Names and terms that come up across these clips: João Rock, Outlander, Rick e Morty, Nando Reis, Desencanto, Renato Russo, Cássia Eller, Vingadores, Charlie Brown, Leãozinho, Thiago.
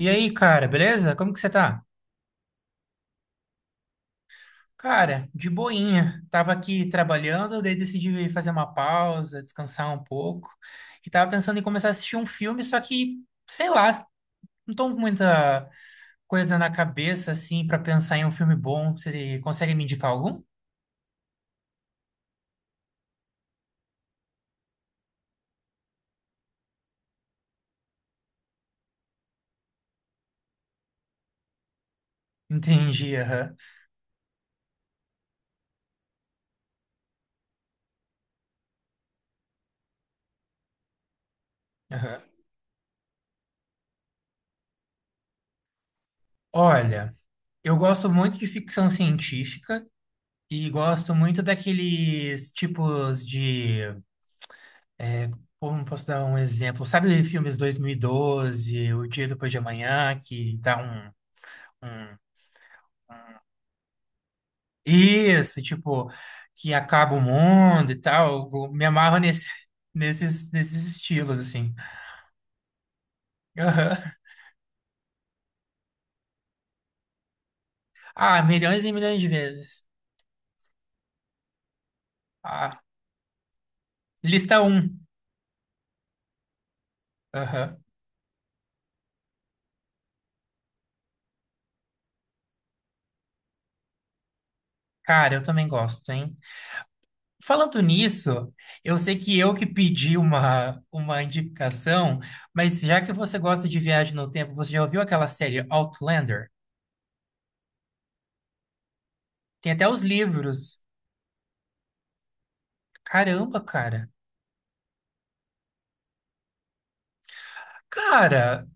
E aí, cara, beleza? Como que você tá? Cara, de boinha. Tava aqui trabalhando, daí decidi fazer uma pausa, descansar um pouco. E tava pensando em começar a assistir um filme, só que, sei lá, não tô com muita coisa na cabeça, assim, pra pensar em um filme bom. Você consegue me indicar algum? Entendi, aham. Aham. Olha, eu gosto muito de ficção científica e gosto muito daqueles tipos de. É, como posso dar um exemplo? Sabe filmes 2012 O Dia Depois de Amanhã, que dá um. Isso, tipo, que acaba o mundo e tal. Eu me amarro nesses estilos, assim. Aham. Ah, milhões e milhões de vezes. Ah, lista um. Aham. Cara, eu também gosto, hein? Falando nisso, eu sei que eu que pedi uma indicação, mas já que você gosta de viagem no tempo, você já ouviu aquela série Outlander? Tem até os livros. Caramba, cara. Cara,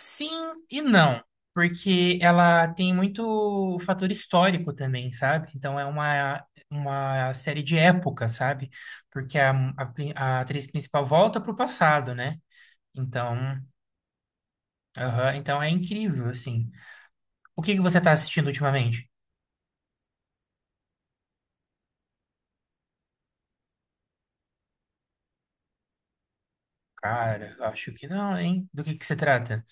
sim e não. Porque ela tem muito fator histórico também, sabe? Então é uma série de época, sabe? Porque a atriz principal volta pro passado, né? Então, aham, então é incrível, assim. O que que você tá assistindo ultimamente? Cara, acho que não, hein? Do que se trata?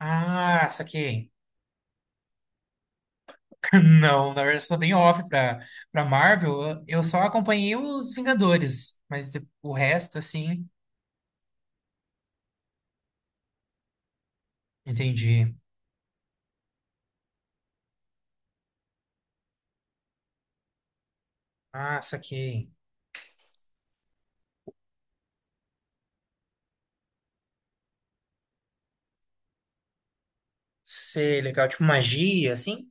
Ah, saquei. Não, na verdade, eu sou bem off pra Marvel. Eu só acompanhei os Vingadores, mas o resto, assim, entendi. Ah, saquei. Sei, legal. Tipo magia, assim?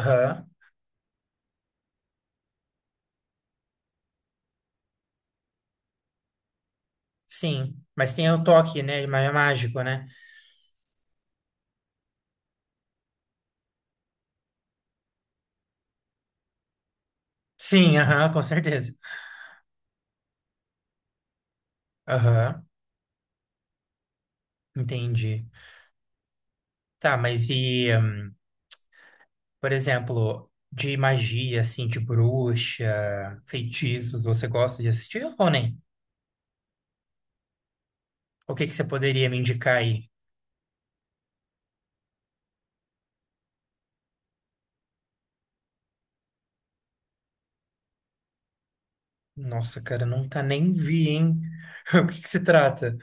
Aham, sim. Mas tem o toque, né? Mas é mágico, né? Sim, aham, com certeza. Aham, entendi. Tá, mas e, por exemplo, de magia, assim, de bruxa, feitiços, você gosta de assistir ou nem? O que que você poderia me indicar aí? Nossa, cara, nunca nem vi, hein? O que que se trata?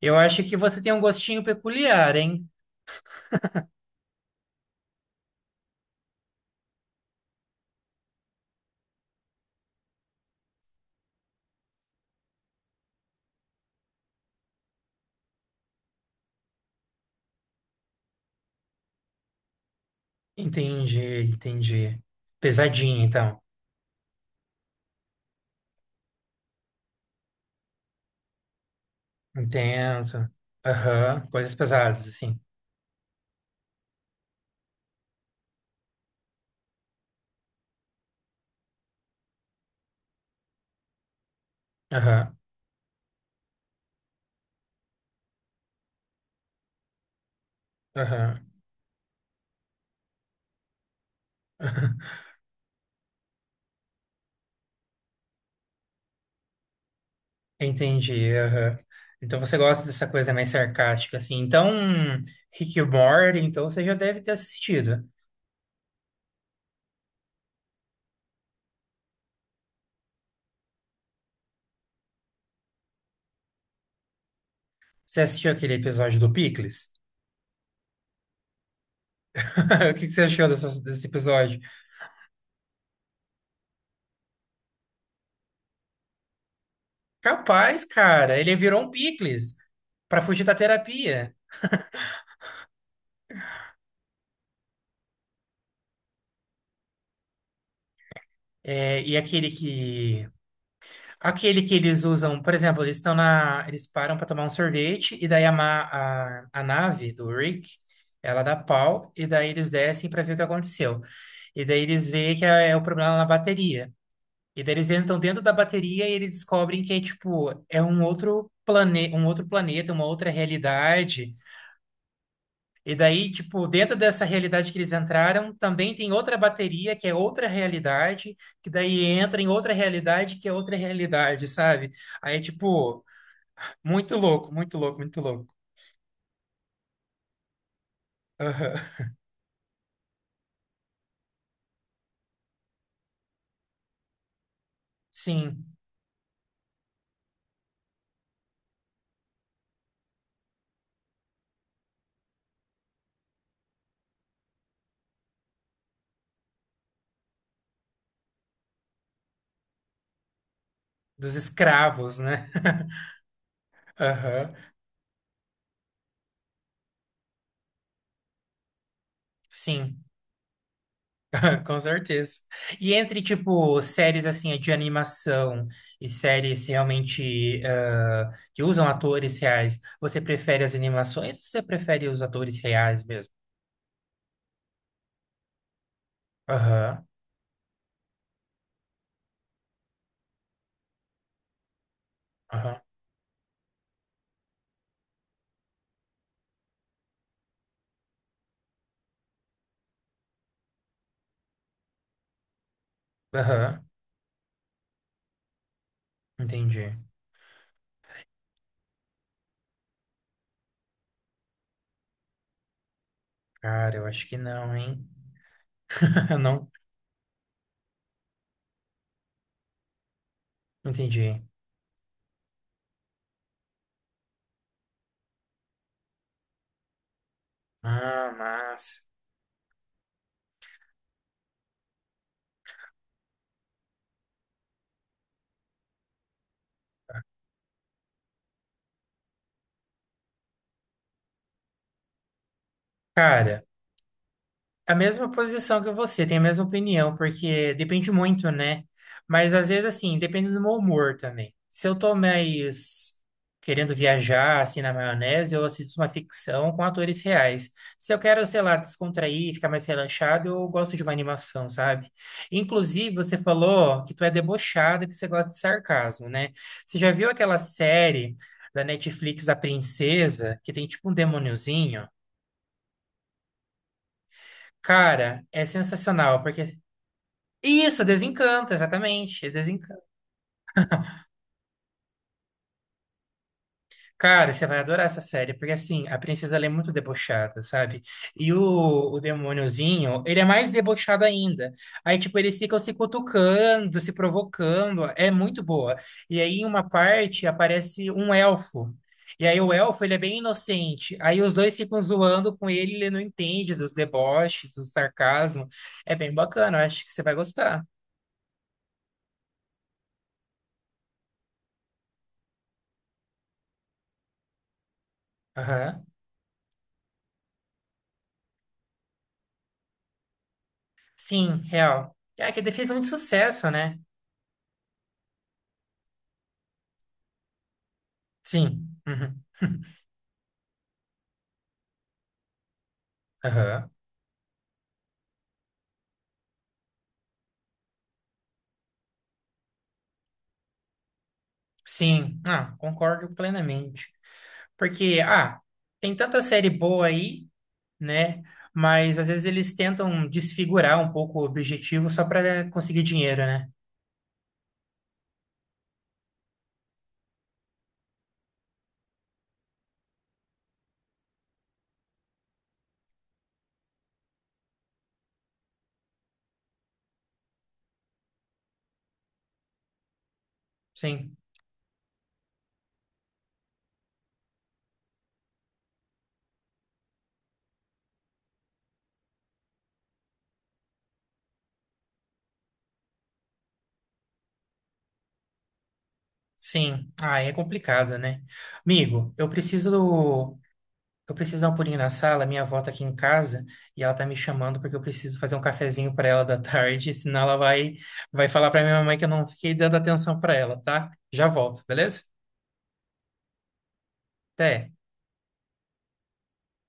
Eu acho que você tem um gostinho peculiar, hein? Entendi, entendi. Pesadinho, então. Intenso. Aham, coisas pesadas, assim. Aham, aham. Entendi, aham. Então você gosta dessa coisa mais sarcástica, assim. Então, Rick e Morty, então você já deve ter assistido. Você assistiu aquele episódio do Pickles? O que que você achou desse episódio? Capaz, cara, ele virou um picles para fugir da terapia. É, e aquele que eles usam, por exemplo, eles estão na eles param para tomar um sorvete e daí a nave do Rick, ela dá pau e daí eles descem para ver o que aconteceu. E daí eles veem que é o problema na bateria. E daí eles entram dentro da bateria e eles descobrem que é tipo é um outro planeta, uma outra realidade. E daí, tipo, dentro dessa realidade que eles entraram, também tem outra bateria, que é outra realidade, que daí entra em outra realidade, que é outra realidade, sabe? Aí, tipo, muito louco, muito louco, muito louco. Aham. Sim, dos escravos, né? Aham. Sim, com certeza. E entre, tipo, séries, assim, de animação e séries realmente que usam atores reais, você prefere as animações ou você prefere os atores reais mesmo? Aham. Aham. Aham. Entendi. Cara, eu acho que não, hein? Não, entendi. Ah, mas, cara. A mesma posição que você, tem a mesma opinião, porque depende muito, né? Mas às vezes, assim, depende do meu humor também. Se eu tô mais querendo viajar, assim, na maionese, eu assisto uma ficção com atores reais. Se eu quero, sei lá, descontrair, ficar mais relaxado, eu gosto de uma animação, sabe? Inclusive, você falou que tu é debochada que você gosta de sarcasmo, né? Você já viu aquela série da Netflix da Princesa, que tem tipo um demôniozinho? Cara, é sensacional, porque. Isso, Desencanto, exatamente, é Desencanto. Cara, você vai adorar essa série, porque assim, a princesa ela é muito debochada, sabe? E o demôniozinho, ele é mais debochado ainda. Aí, tipo, eles ficam se cutucando, se provocando, é muito boa. E aí, em uma parte, aparece um elfo. E aí, o elfo, ele é bem inocente. Aí, os dois ficam zoando com ele, ele não entende dos deboches, do sarcasmo. É bem bacana, eu acho que você vai gostar. Aham. Sim, real. É que ele fez muito sucesso, né? Sim. Uhum. Aham. Sim, concordo plenamente. Porque, tem tanta série boa aí, né? Mas às vezes eles tentam desfigurar um pouco o objetivo só para conseguir dinheiro, né? Sim, sim. Ah, é complicado, né? Amigo, eu preciso dar um pulinho na sala, minha avó tá aqui em casa e ela tá me chamando porque eu preciso fazer um cafezinho pra ela da tarde, senão ela vai falar pra minha mamãe que eu não fiquei dando atenção pra ela, tá? Já volto, beleza? Até.